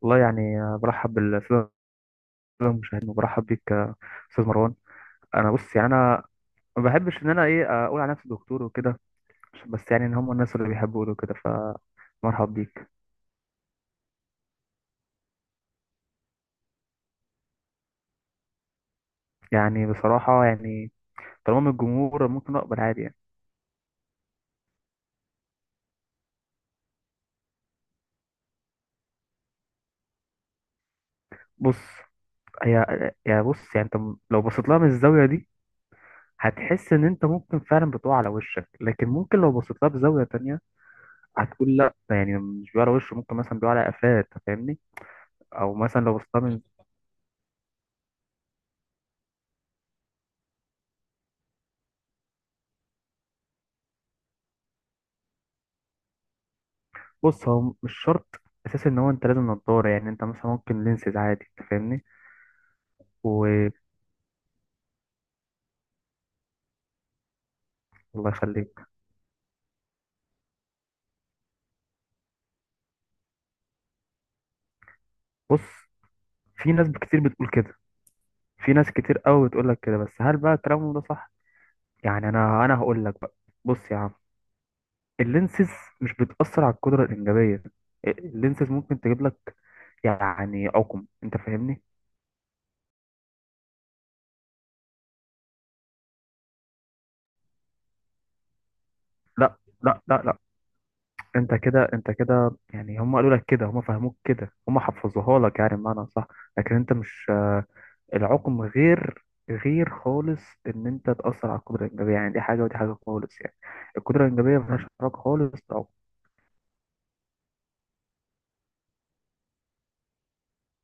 والله برحب بالسادة المشاهدين وبرحب بيك يا استاذ مروان. انا بص، يعني ما بحبش ان انا اقول على نفسي دكتور وكده، بس يعني ان هم الناس اللي بيحبوا يقولوا كده. فمرحب بيك. يعني بصراحة، يعني طالما من الجمهور ممكن اقبل عادي يعني. بص، هي يعني، بص يعني انت لو بصيت لها من الزاوية دي هتحس ان انت ممكن فعلا بتقع على وشك، لكن ممكن لو بصيت لها بزاوية تانية هتقول لا، ده يعني مش بيقع على وشه، ممكن مثلا بيقع على قفاه. أنت فاهمني. او مثلا لو بصيت لها من. بص هو مش شرط اساس ان هو انت لازم نضاره، يعني انت مثلا ممكن لينسز عادي. انت فاهمني. و الله يخليك. بص، في ناس كتير بتقول كده، في ناس كتير قوي بتقول لك كده، بس هل بقى كلامهم ده صح؟ يعني انا هقول لك بقى. بص يا عم، اللينسز مش بتأثر على القدرة الإنجابية. اللينسز ممكن تجيب لك يعني عقم. انت فاهمني. لا، انت كده يعني هم قالوا لك كده، هم فهموك كده، هم حفظوها لك يعني بمعنى صح. لكن انت مش. العقم غير، غير خالص، ان انت تاثر على القدره الانجابيه. يعني دي حاجه ودي حاجه خالص يعني. القدره الانجابيه ملهاش علاقه خالص بالعقم.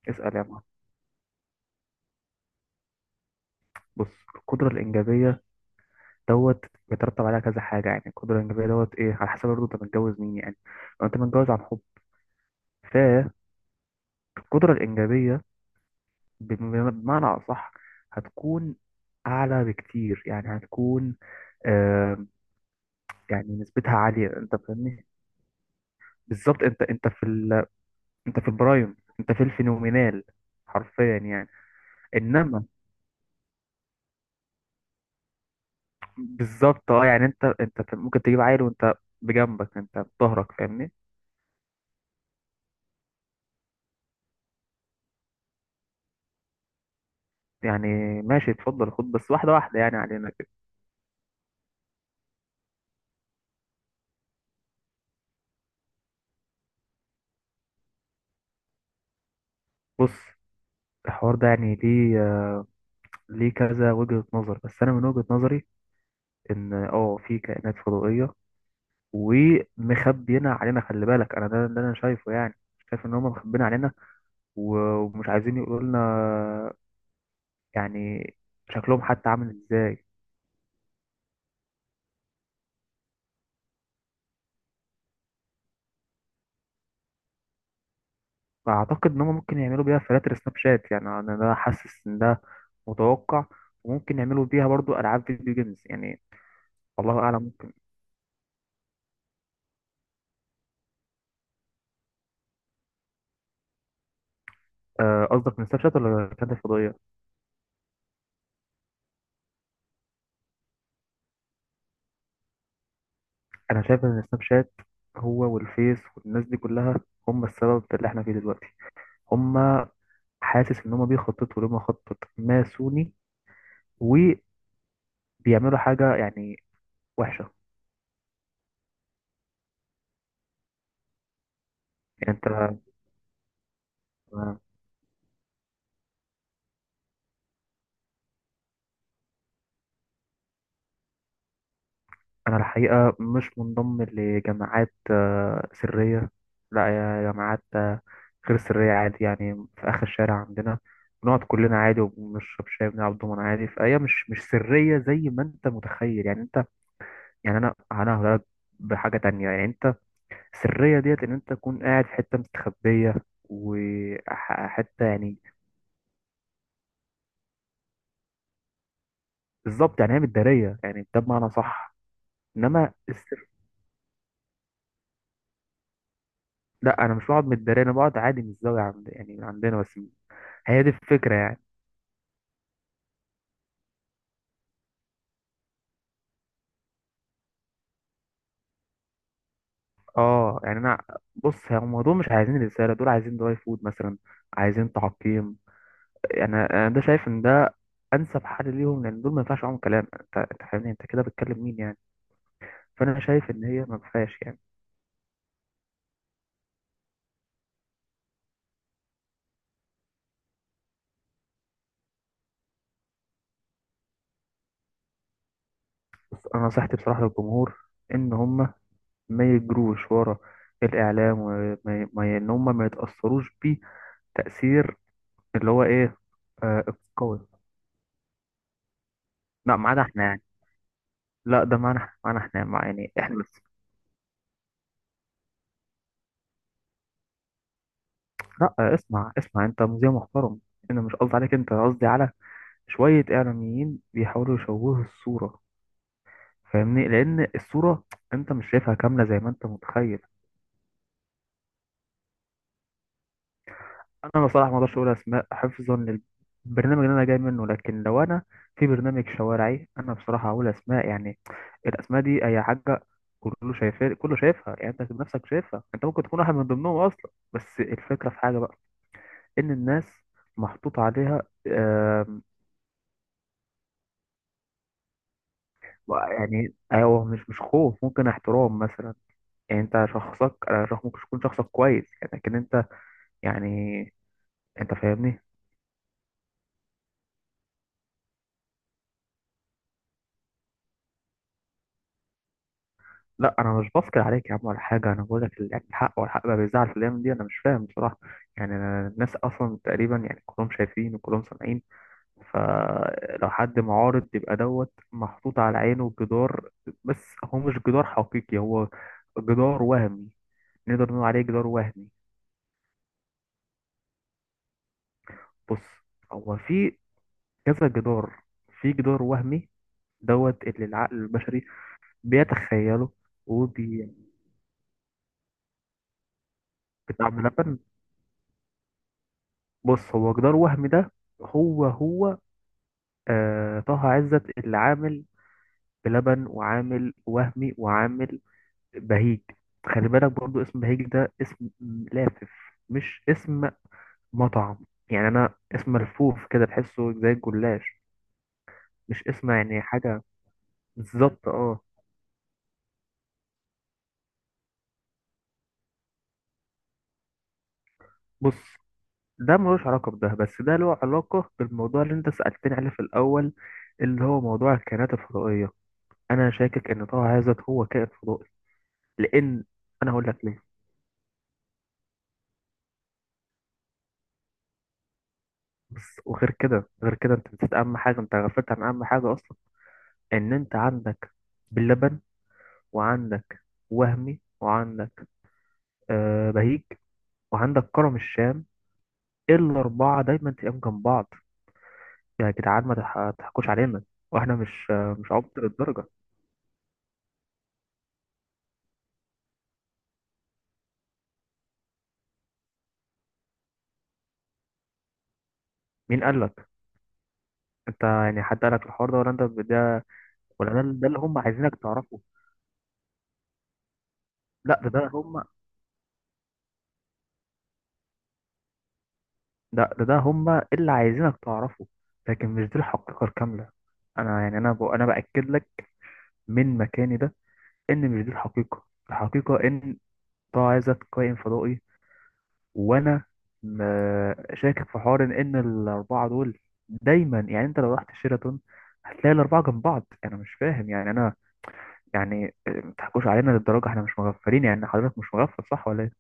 اسال يا معلم. بص، القدره الانجابيه دوت بيترتب عليها كذا حاجه. يعني القدره الانجابيه دوت ايه على حسب برضه انت متجوز مين يعني. لو انت متجوز عن حب، فالقدره الانجابيه بمعنى اصح هتكون اعلى بكتير. يعني هتكون، آه. يعني نسبتها عاليه، انت فاهمني. بالظبط. انت انت في ال انت في البرايم، انت في الفينومينال حرفيا يعني. انما بالظبط، اه يعني انت ممكن تجيب عيل وانت بجنبك، انت بظهرك، فاهمني. يعني ماشي، اتفضل، خد بس واحده واحده يعني علينا كده. بص، الحوار ده يعني ليه ليه كذا وجهة نظر، بس انا من وجهة نظري ان اه في كائنات فضائية ومخبينا علينا. خلي بالك، انا ده انا شايفه، يعني شايف ان هم مخبيين علينا ومش عايزين يقولوا لنا يعني شكلهم حتى عامل ازاي. فاعتقد ان هم ممكن يعملوا بيها فلاتر سناب شات، يعني انا ده حاسس ان ده متوقع، وممكن يعملوا بيها برضو العاب فيديو جيمز يعني. الله اعلم. آه، قصدك من سناب شات ولا كانت الفضائيه؟ انا شايف ان سناب شات هو والفيس والناس دي كلها هم السبب في اللي احنا فيه دلوقتي. هم، حاسس ان هم بيخططوا لما خطط ماسوني، وبيعملوا حاجه يعني وحشه. يعني انت. أنا الحقيقة مش منضم لجماعات سرية، لا. يا جماعات غير سرية عادي، يعني في آخر الشارع عندنا بنقعد كلنا عادي وبنشرب شاي وبنلعب دومنا عادي. فهي مش سرية زي ما أنت متخيل. يعني أنت، يعني أنا هقولك بحاجة تانية. يعني أنت، السرية ديت إن أنت تكون قاعد في حتة مستخبية وحتة يعني. بالظبط يعني هي متدارية، يعني ده بمعنى صح. إنما السر. لا، أنا مش بقعد متدارية، أنا بقعد عادي من الزاوية عند يعني من عندنا بس. هي دي الفكرة يعني. اه يعني انا، بص هم دول مش عايزين رسالة، دول عايزين دراي فود مثلا، عايزين تعقيم. يعني انا ده شايف ان ده انسب حل ليهم، لان دول ما ينفعش معاهم كلام. انت فاهمني، انت كده بتكلم مين يعني؟ فانا شايف ان هي ما فيهاش يعني. بس انا نصيحتي بصراحة للجمهور ان هم ما يجروش ورا الاعلام، وما ي- ما ي- ان هم ما يتأثروش بيه تأثير، اللي هو ايه، آه القوي. لا، ما عدا احنا يعني. لا، ده معانا معانا احنا، مع يعني احنا. لا اسمع اسمع، انت مذيع محترم، انا مش قصدي عليك انت، أنا قصدي على شوية اعلاميين بيحاولوا يشوهوا الصورة. فاهمني؟ لان الصورة انت مش شايفها كاملة زي ما انت متخيل. انا بصراحة ما اقدرش اقول اسماء حفظا للبرنامج اللي انا جاي منه، لكن لو انا في برنامج شوارعي انا بصراحة هقول اسماء. يعني الاسماء دي اي حاجة، كله شايفها، كله شايفها. يعني انت بنفسك شايفها، انت ممكن تكون واحد من ضمنهم اصلا. بس الفكرة في حاجة بقى، ان الناس محطوط عليها. يعني هو مش خوف، ممكن احترام مثلا. يعني انت شخصك، انا شخص ممكن تكون شخصك كويس يعني، لكن انت يعني، انت فاهمني. لا انا مش بفكر عليك يا عم ولا حاجه، انا بقول لك يعني الحق، والحق بقى بيزعل في الايام دي، انا مش فاهم بصراحه. يعني أنا الناس اصلا تقريبا يعني كلهم شايفين وكلهم سامعين، فلو حد معارض يبقى دوت محطوط على عينه جدار. بس هو مش جدار حقيقي، هو جدار وهمي. نقدر نقول عليه جدار وهمي. بص، هو في كذا جدار، في جدار وهمي دوت اللي العقل البشري بيتخيله وبيتعب. لبن. بص، هو جدار وهمي ده، هو هو آه طه عزت اللي عامل بلبن وعامل وهمي وعامل بهيج. خلي بالك برضو، اسم بهيج ده اسم لافف، مش اسم مطعم. يعني انا اسم ملفوف كده تحسه زي الجلاش، مش اسم يعني حاجة. بالظبط اه. بص، ده ملوش علاقة بده، بس ده له علاقة بالموضوع اللي انت سألتني عليه في الأول، اللي هو موضوع الكائنات الفضائية. أنا شاكك إن طه هذا هو كائن فضائي، لأن. أنا هقول لك ليه. بس وغير كده، غير كده أنت نسيت أهم حاجة، أنت غفلت عن أهم حاجة أصلا. إن أنت عندك باللبن، وعندك وهمي، وعندك آه بهيج، وعندك كرم الشام. الأربعة دايما تلاقيهم جنب بعض. يا جدعان ما تح- تحكوش علينا، واحنا مش مش عبط للدرجة. مين قال لك انت؟ يعني حد قالك الحوار ده ولا انت ده؟ ولا ده اللي هم عايزينك تعرفه. لا ده، هم. ده هم اللي عايزينك تعرفه، لكن مش دي الحقيقة الكاملة. انا يعني انا باكد لك من مكاني ده ان مش دي الحقيقة. الحقيقة ان ده عايزك كائن فضائي. وانا م... شاكك في حوار ان الاربعة دول دايما، يعني انت لو رحت شيراتون هتلاقي الاربعة جنب بعض. انا مش فاهم يعني انا، يعني ما تحكوش علينا للدرجة، احنا مش مغفلين. يعني حضرتك مش مغفل صح ولا ايه؟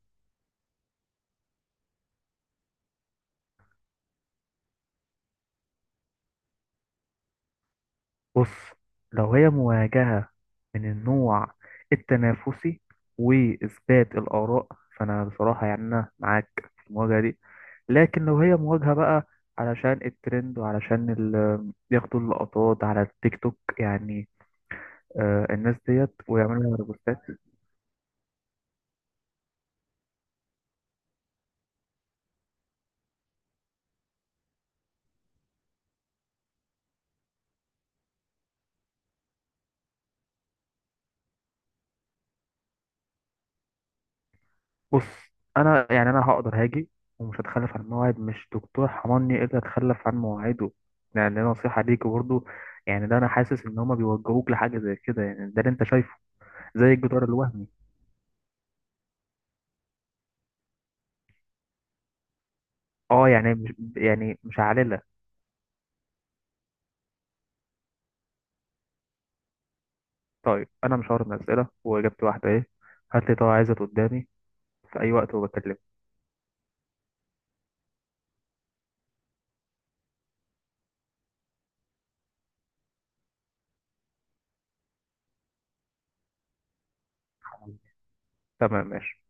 بص، لو هي مواجهة من النوع التنافسي وإثبات الآراء، فأنا بصراحة يعني أنا معاك في المواجهة دي. لكن لو هي مواجهة بقى علشان الترند وعلشان ياخدوا اللقطات على التيك توك يعني، آه الناس ديت ويعملوا ريبوستات. بص، أنا هقدر هاجي ومش هتخلف عن مواعيد. مش دكتور حماني اللي هتخلف عن مواعيده. يعني دي نصيحة ليك برضه. يعني ده أنا حاسس إن هما بيوجهوك لحاجة زي كده، يعني ده اللي أنت شايفه، زي الجدار الوهمي. اه يعني مش، يعني مش عاللة. طيب انا مش هعرض اسئله واجابتي واحده ايه، هات لي طبعا، عايزة قدامي في اي وقت وبكلمك. تمام ماشي.